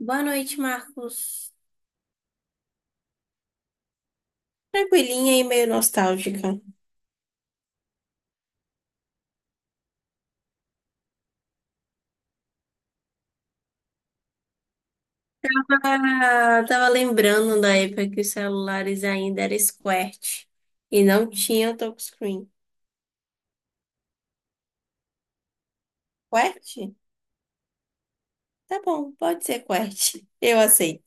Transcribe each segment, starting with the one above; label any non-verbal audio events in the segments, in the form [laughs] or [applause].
Boa noite, Marcos. Tranquilinha e meio nostálgica. Tava lembrando da época que os celulares ainda eram square e não tinham touchscreen. Quert? Tá bom, pode ser Quert. Eu aceito.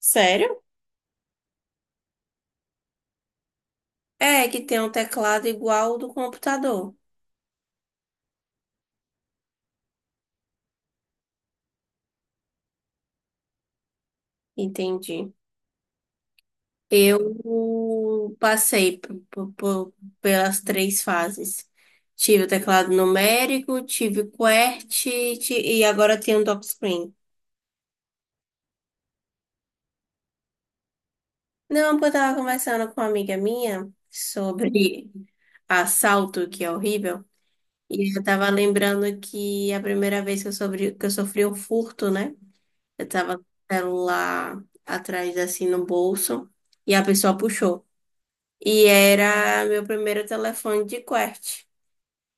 Sério? É, que tem um teclado igual ao do computador. Entendi. Eu passei pelas três fases. Tive o teclado numérico, tive e agora tenho touchscreen. Não, porque eu tava conversando com uma amiga minha sobre assalto, que é horrível, e eu tava lembrando que a primeira vez que eu sofri um furto, né? Eu tava com o celular atrás, assim, no bolso, e a pessoa puxou. E era meu primeiro telefone de QWERTY.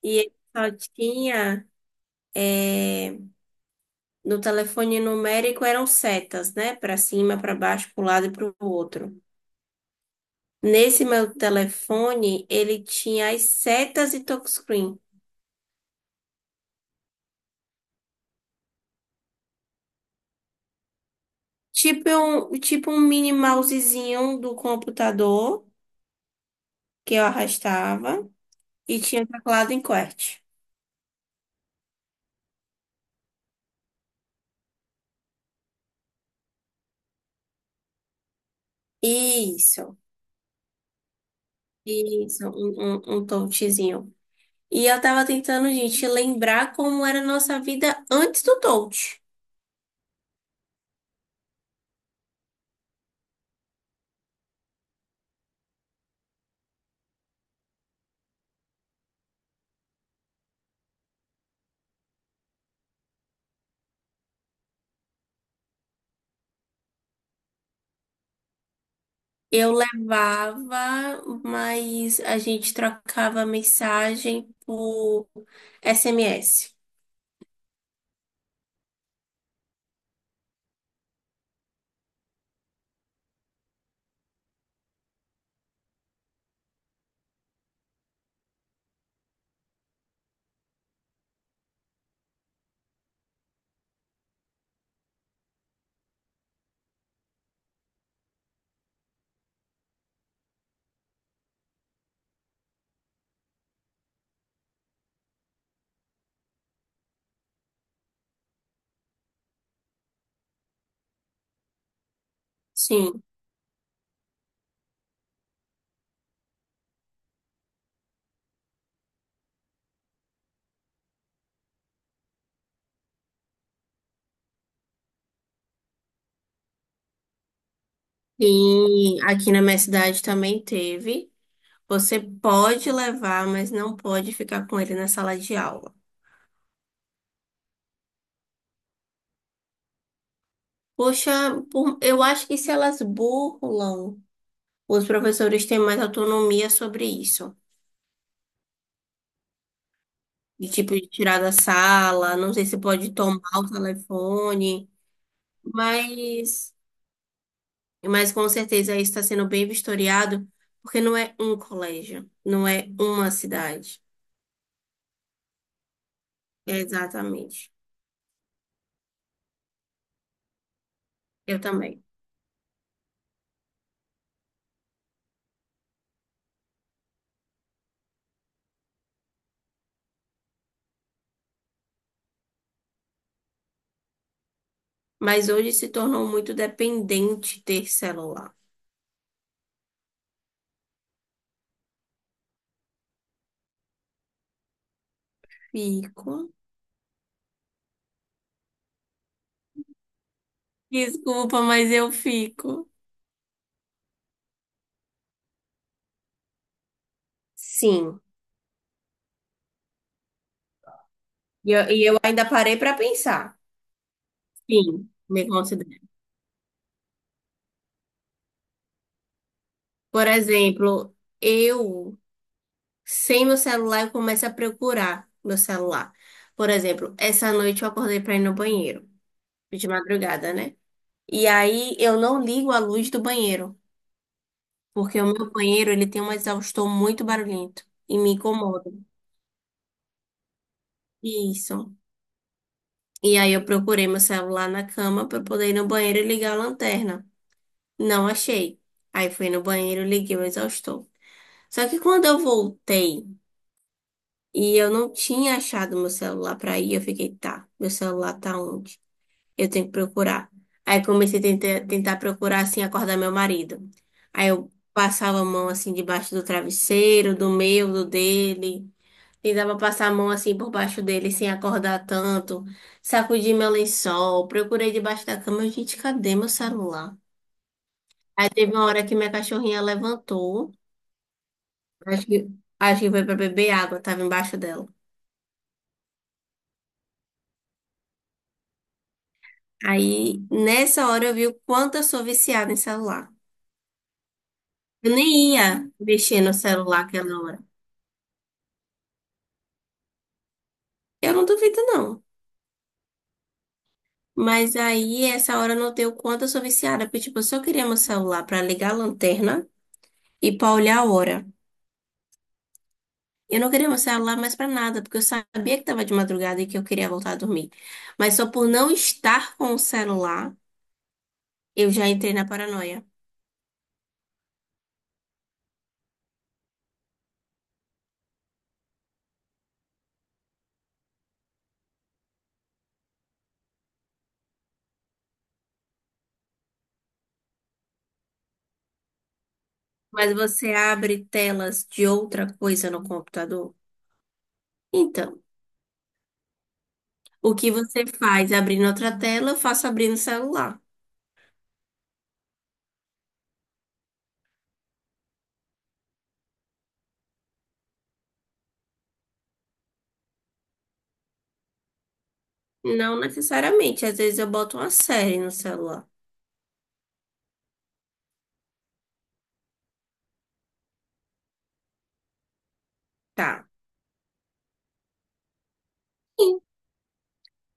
E ele só eh, no telefone numérico eram setas, né? Pra cima, pra baixo, pro lado e pro outro. Nesse meu telefone, ele tinha as setas e touchscreen. Tipo um mini mousezinho do computador que eu arrastava e tinha teclado em QWERTY. Isso, isso, um touchzinho. E eu tava tentando, gente, lembrar como era a nossa vida antes do touch. Eu levava, mas a gente trocava mensagem por SMS. Sim. Sim, aqui na minha cidade também teve. Você pode levar, mas não pode ficar com ele na sala de aula. Poxa, eu acho que se elas burlam, os professores têm mais autonomia sobre isso. De tipo, de tirar da sala, não sei se pode tomar o telefone, mas, mas com certeza isso está sendo bem vistoriado, porque não é um colégio, não é uma cidade. Exatamente. Eu também. Mas hoje se tornou muito dependente ter celular. Fico. Desculpa, mas eu fico. Sim. E eu ainda parei para pensar. Sim, me considero. Por exemplo, eu, sem meu celular, eu começo a procurar meu celular. Por exemplo, essa noite eu acordei para ir no banheiro, de madrugada, né? E aí eu não ligo a luz do banheiro, porque o meu banheiro ele tem um exaustor muito barulhento e me incomoda. Isso. E aí eu procurei meu celular na cama para poder ir no banheiro e ligar a lanterna. Não achei. Aí fui no banheiro, liguei o exaustor. Só que quando eu voltei e eu não tinha achado meu celular para ir, eu fiquei, tá, meu celular tá onde? Eu tenho que procurar. Aí comecei a tentar procurar assim, acordar meu marido. Aí eu passava a mão assim debaixo do travesseiro, do meu, do dele. E dava pra passar a mão assim por baixo dele sem acordar tanto. Sacudi meu lençol, procurei debaixo da cama. Eu, gente, cadê meu celular? Aí teve uma hora que minha cachorrinha levantou. Acho que, acho que foi pra beber água, tava embaixo dela. Aí nessa hora eu vi o quanto eu sou viciada em celular. Eu nem ia mexer no celular aquela hora. Eu não duvido, não. Mas aí, essa hora eu notei o quanto eu sou viciada, porque, tipo, eu só queria meu celular pra ligar a lanterna e pra olhar a hora. Eu não queria meu celular mais pra nada, porque eu sabia que tava de madrugada e que eu queria voltar a dormir. Mas só por não estar com o celular, eu já entrei na paranoia. Mas você abre telas de outra coisa no computador? Então, o que você faz abrindo outra tela, eu faço abrindo o celular. Não necessariamente, às vezes eu boto uma série no celular. Tá. Sim.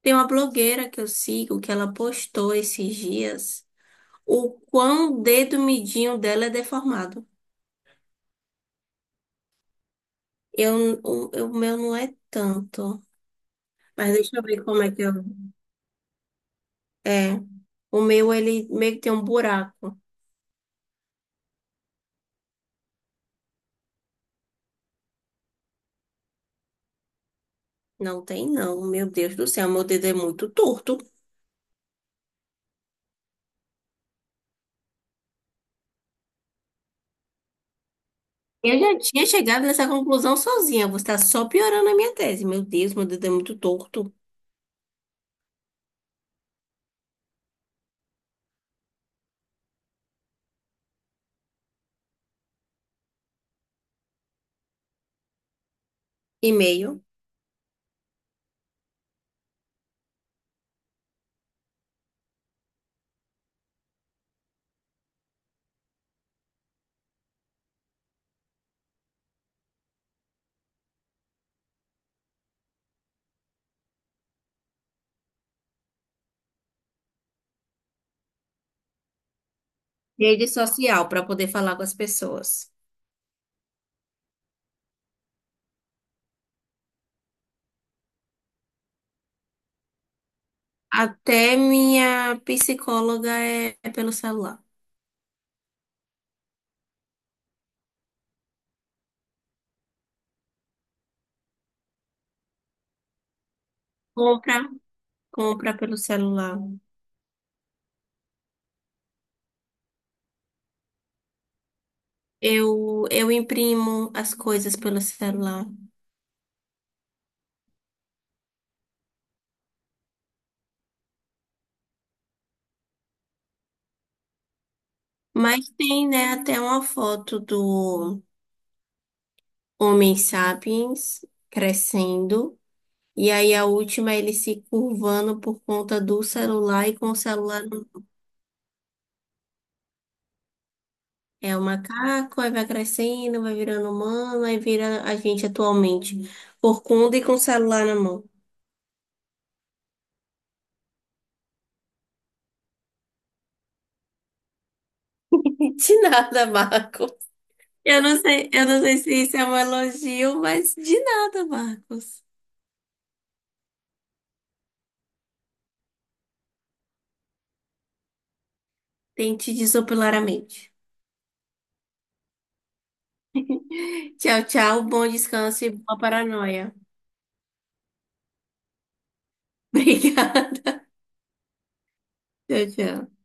Tem uma blogueira que eu sigo que ela postou esses dias o quão o dedo midinho dela é deformado. O meu não é tanto. Mas deixa eu ver como é que eu. É. O meu, ele meio que tem um buraco. Não tem, não. Meu Deus do céu, meu dedo é muito torto. Eu já tinha chegado nessa conclusão sozinha. Você está só piorando a minha tese. Meu Deus, meu dedo é muito torto. E-mail, rede social para poder falar com as pessoas. Até minha psicóloga é pelo celular. Compra, compra pelo celular. Eu imprimo as coisas pelo celular. Mas tem, né, até uma foto do Homem Sapiens crescendo. E aí a última é ele se curvando por conta do celular e com o celular no- é o macaco, aí vai crescendo, vai virando humano, aí vira a gente atualmente, por conta e com o celular na mão. [laughs] De nada, Marcos. Eu não sei se isso é um elogio, mas de nada, Marcos. Tente desopilar a mente. Tchau, tchau, bom descanso e boa paranoia. Obrigada. [laughs] Tchau, tchau.